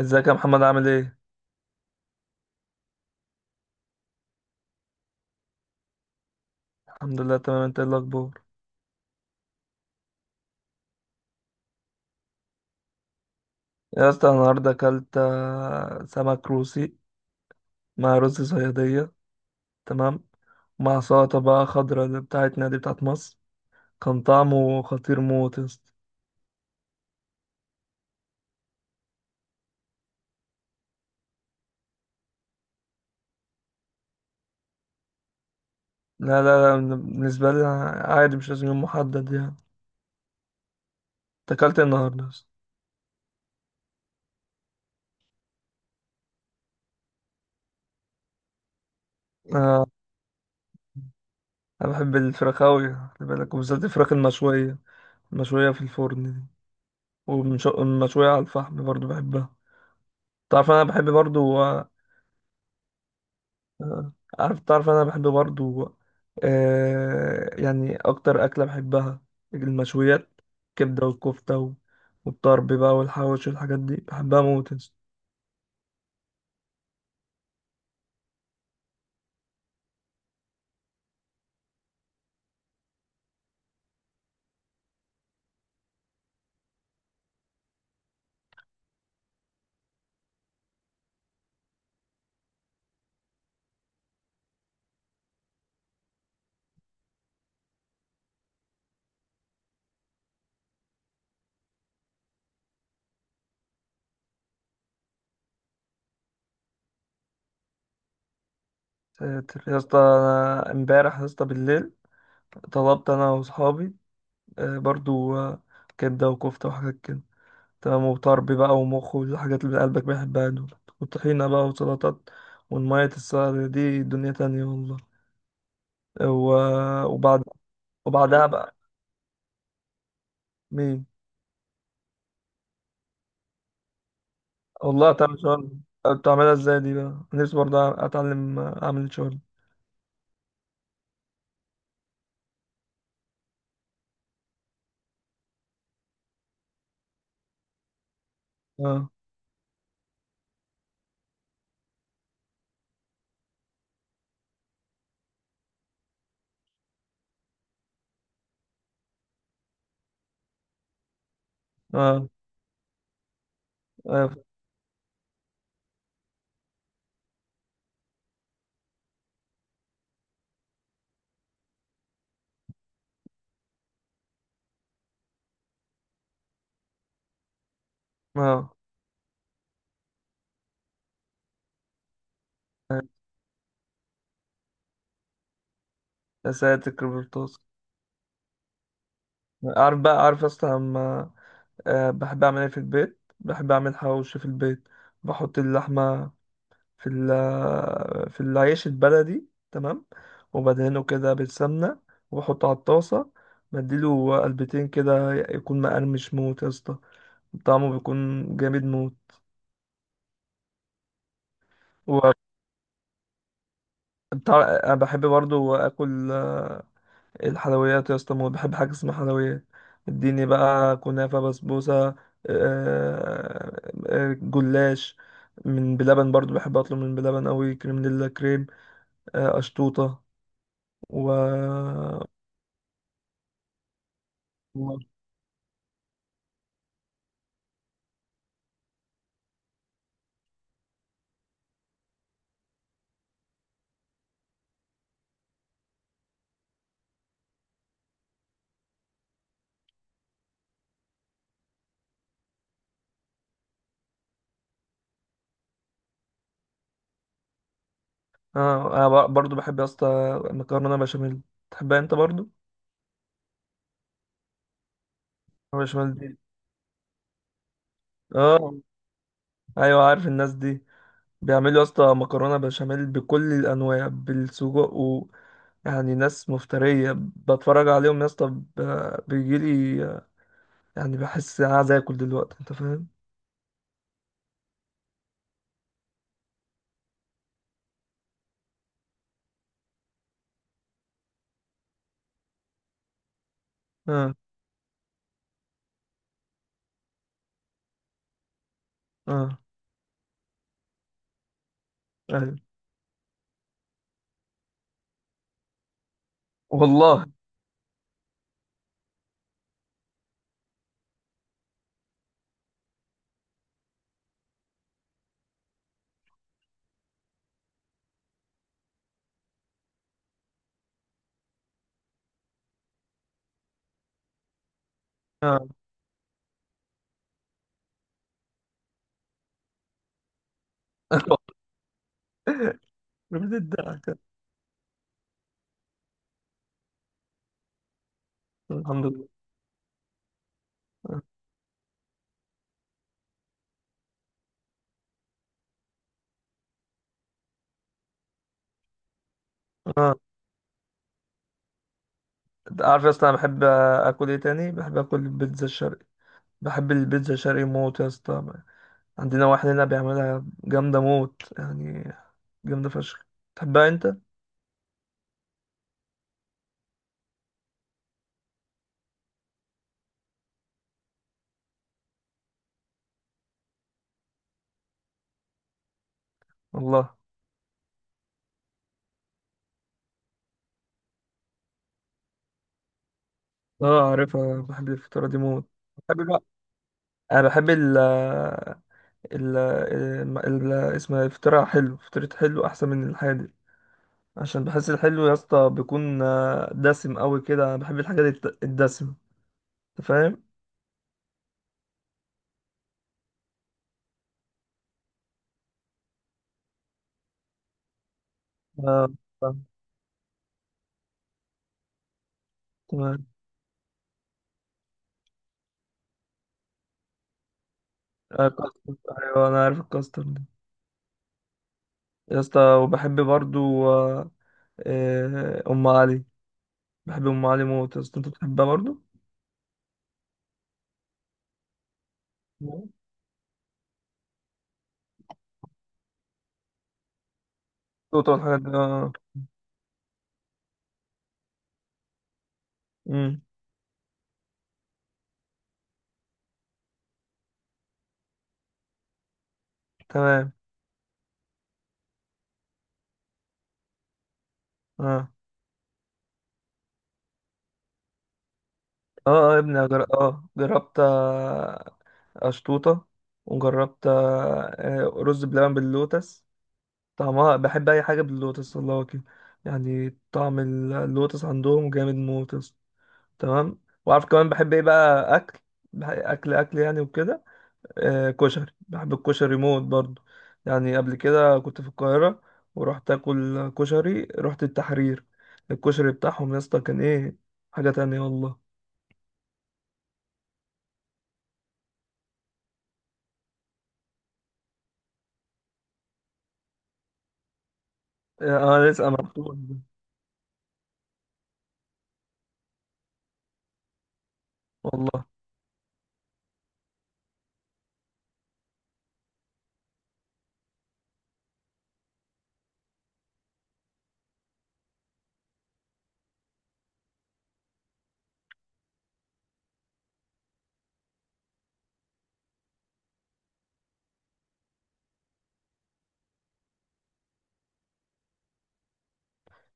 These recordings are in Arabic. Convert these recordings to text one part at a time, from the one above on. ازيك يا محمد، عامل ايه؟ الحمد لله، تمام. انت ايه الاخبار؟ يا اسطى، أنا النهارده اكلت سمك روسي مع رز صياديه. تمام. مع سلطه بقى خضراء اللي بتاعتنا دي بتاعت مصر. كان طعمه خطير موت يا اسطى. لا لا لا، بالنسبه لي عادي، مش لازم يوم محدد يعني. انت اكلت ايه النهارده يا اسطى؟ آه انا بحب الفراخ اوي، خلي بالك، وبالذات الفراخ المشويه، المشويه في الفرن دي، والمشويه على الفحم برضو بحبها. تعرف انا بحب برضو. آه. تعرف انا بحب برضو. يعني اكتر اكله بحبها المشويات: كبده والكفته والطرب بقى والحواوشي والحاجات دي بحبها موت يا اسطى. ساتر. يا اسطى، أنا امبارح يا اسطى بالليل طلبت انا واصحابي برضو كبده وكفته وحاجات كده، تمام، وطرب بقى ومخ والحاجات اللي قلبك بيحبها دول، وطحينه بقى وسلطات، والمية السلطة دي دنيا تانية والله. وبعد. وبعدها بقى. مين؟ والله تعمل شغل. بتعملها ازاي دي بقى؟ نفسي برضه اتعلم اعمل شغل. اه، اه، اه، اه. يا ساتر، كريبتوس. عارف اصلا لما بحب اعمل ايه في البيت؟ بحب اعمل حواوشي في البيت. بحط اللحمه في ال في العيش البلدي، تمام، وبدهنه كده بالسمنه، وبحطه على الطاسه، بديله قلبتين كده يكون مقرمش موت يا اسطى. طعمه بيكون جامد موت. انا بحب برضو اكل الحلويات يا اسطى موت. بحب حاجه اسمها حلويات. اديني بقى كنافه، بسبوسه، جلاش، من بلبن. برضو بحب اطلب من بلبن قوي، كريم كريم، اشطوطه. و والله. اه، انا برضو بحب يا اسطى مكرونه بشاميل. تحبها انت برضو؟ مكرونة بشاميل دي… اه. ايوه، عارف الناس دي بيعملوا يا اسطى مكرونه بشاميل بكل الانواع، بالسجق و... يعني ناس مفتريه، بتفرج عليهم يا اسطى بيجيلي يعني بحس انا عايز اكل دلوقتي، انت فاهم. اه، اه، ايوه والله، اه. بتضحك. الحمد لله، اه. أنت عارف يا اسطى انا بحب اكل ايه تاني؟ بحب اكل البيتزا الشرقي. بحب البيتزا الشرقي موت يا اسطى. عندنا واحد هنا بيعملها جامده موت يعني، جامده فشخ. تحبها انت؟ والله، اه، عارفها. بحب الفطيرة دي موت. بحب بقى، انا بحب ال ال ال اسمها الفطيرة حلو. فطيرة حلو احسن من الحادق. عشان بحس الحلو يا اسطى بيكون دسم قوي كده. انا بحب الحاجات الدسمة، انت فاهم. اه، فاهم. تمام. كاسترد، ايوه انا عارف الكاسترد ده يا اسطى. وبحب برضو ام علي. بحب ام علي موت يا اسطى، انت بتحبها برضو؟ نعم. توت والحاجات دي، اه. أمم، تمام. اه، اه، اه، يا ابني، أنا جر... اه جربت اشطوطة. وجربت رز بلبن باللوتس. طعمها… بحب اي حاجة باللوتس والله كده، يعني طعم اللوتس عندهم جامد موت يا اسطى. تمام. وعارف كمان بحب ايه بقى اكل؟ اكل اكل يعني وكده، كشري. بحب الكشري موت برضه. يعني قبل كده كنت في القاهرة، ورحت اكل كشري، رحت التحرير. الكشري بتاعهم يا اسطى كان ايه، حاجة تانية والله. انا لسه ما رحتوش. والله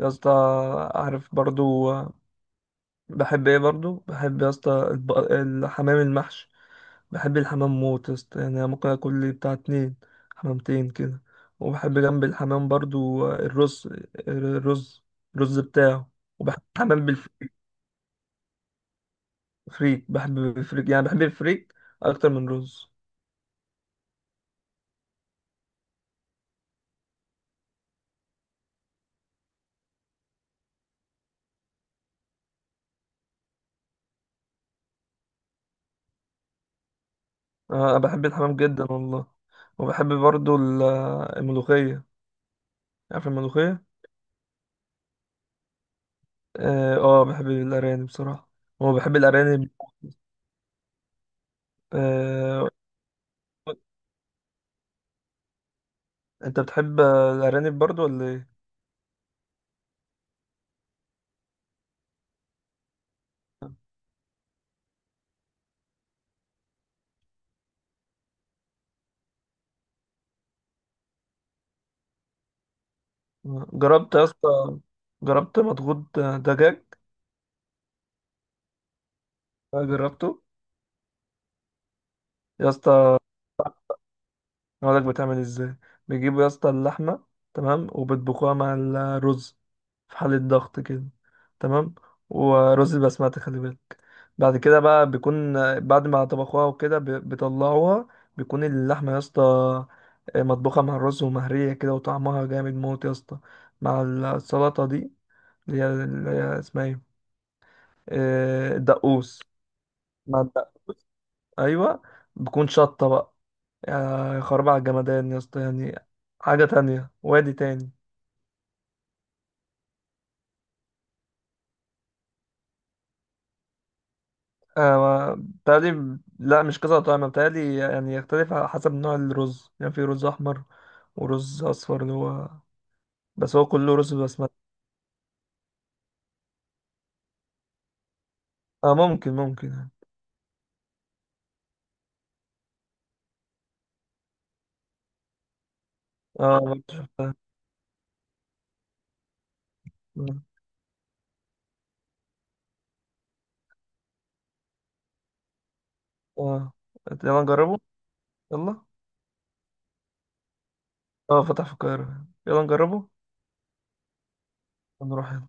يا اسطى، عارف برضو بحب ايه برضو؟ بحب يا اسطى الحمام المحشي. بحب الحمام موت يا اسطى، يعني أنا ممكن اكل لي بتاع اتنين حمامتين كده. وبحب جنب الحمام برضو الرز. الرز الرز بتاعه. وبحب الحمام بالفريك، بحب الفريك يعني، بحب الفريك اكتر من رز. انا بحب الحمام جدا والله. وبحب برضو الملوخية، عارف الملوخية. اه، بحب الارانب بصراحة، هو بحب الأرانب. آه، انت بتحب الارانب برضو ولا ايه؟ جربت يا اسطى، جربت مضغوط دجاج؟ آه، جربته يا اسطى. اقول لك بتعمل ازاي: بيجيبوا يا اسطى اللحمه، تمام، وبيطبخوها مع الرز في حالة ضغط كده، تمام. ورز البسمتي، خلي بالك. بعد كده بقى، بيكون بعد ما طبخوها وكده بيطلعوها، بيكون اللحمة يا اسطى مطبوخة مع الرز ومهرية كده، وطعمها جامد موت يا اسطى، مع السلطة دي، اللي هي اسمها ايه، الدقوس. مع الدقوس، ايوه، بكون شطة بقى. يا خراب على الجمدان يا اسطى يعني، حاجة تانية وادي تاني. آه، بتهيألي لا، مش كذا طعم، بتهيألي يعني يختلف على حسب نوع الرز. يعني في رز أحمر ورز أصفر اللي هو… بس هو كله رز بسمتي. آه، ممكن ممكن يعني. آه. مم. آه، يلا نجربه. يلا. آه، فتح في القاهرة، يلا نجربه. ونروح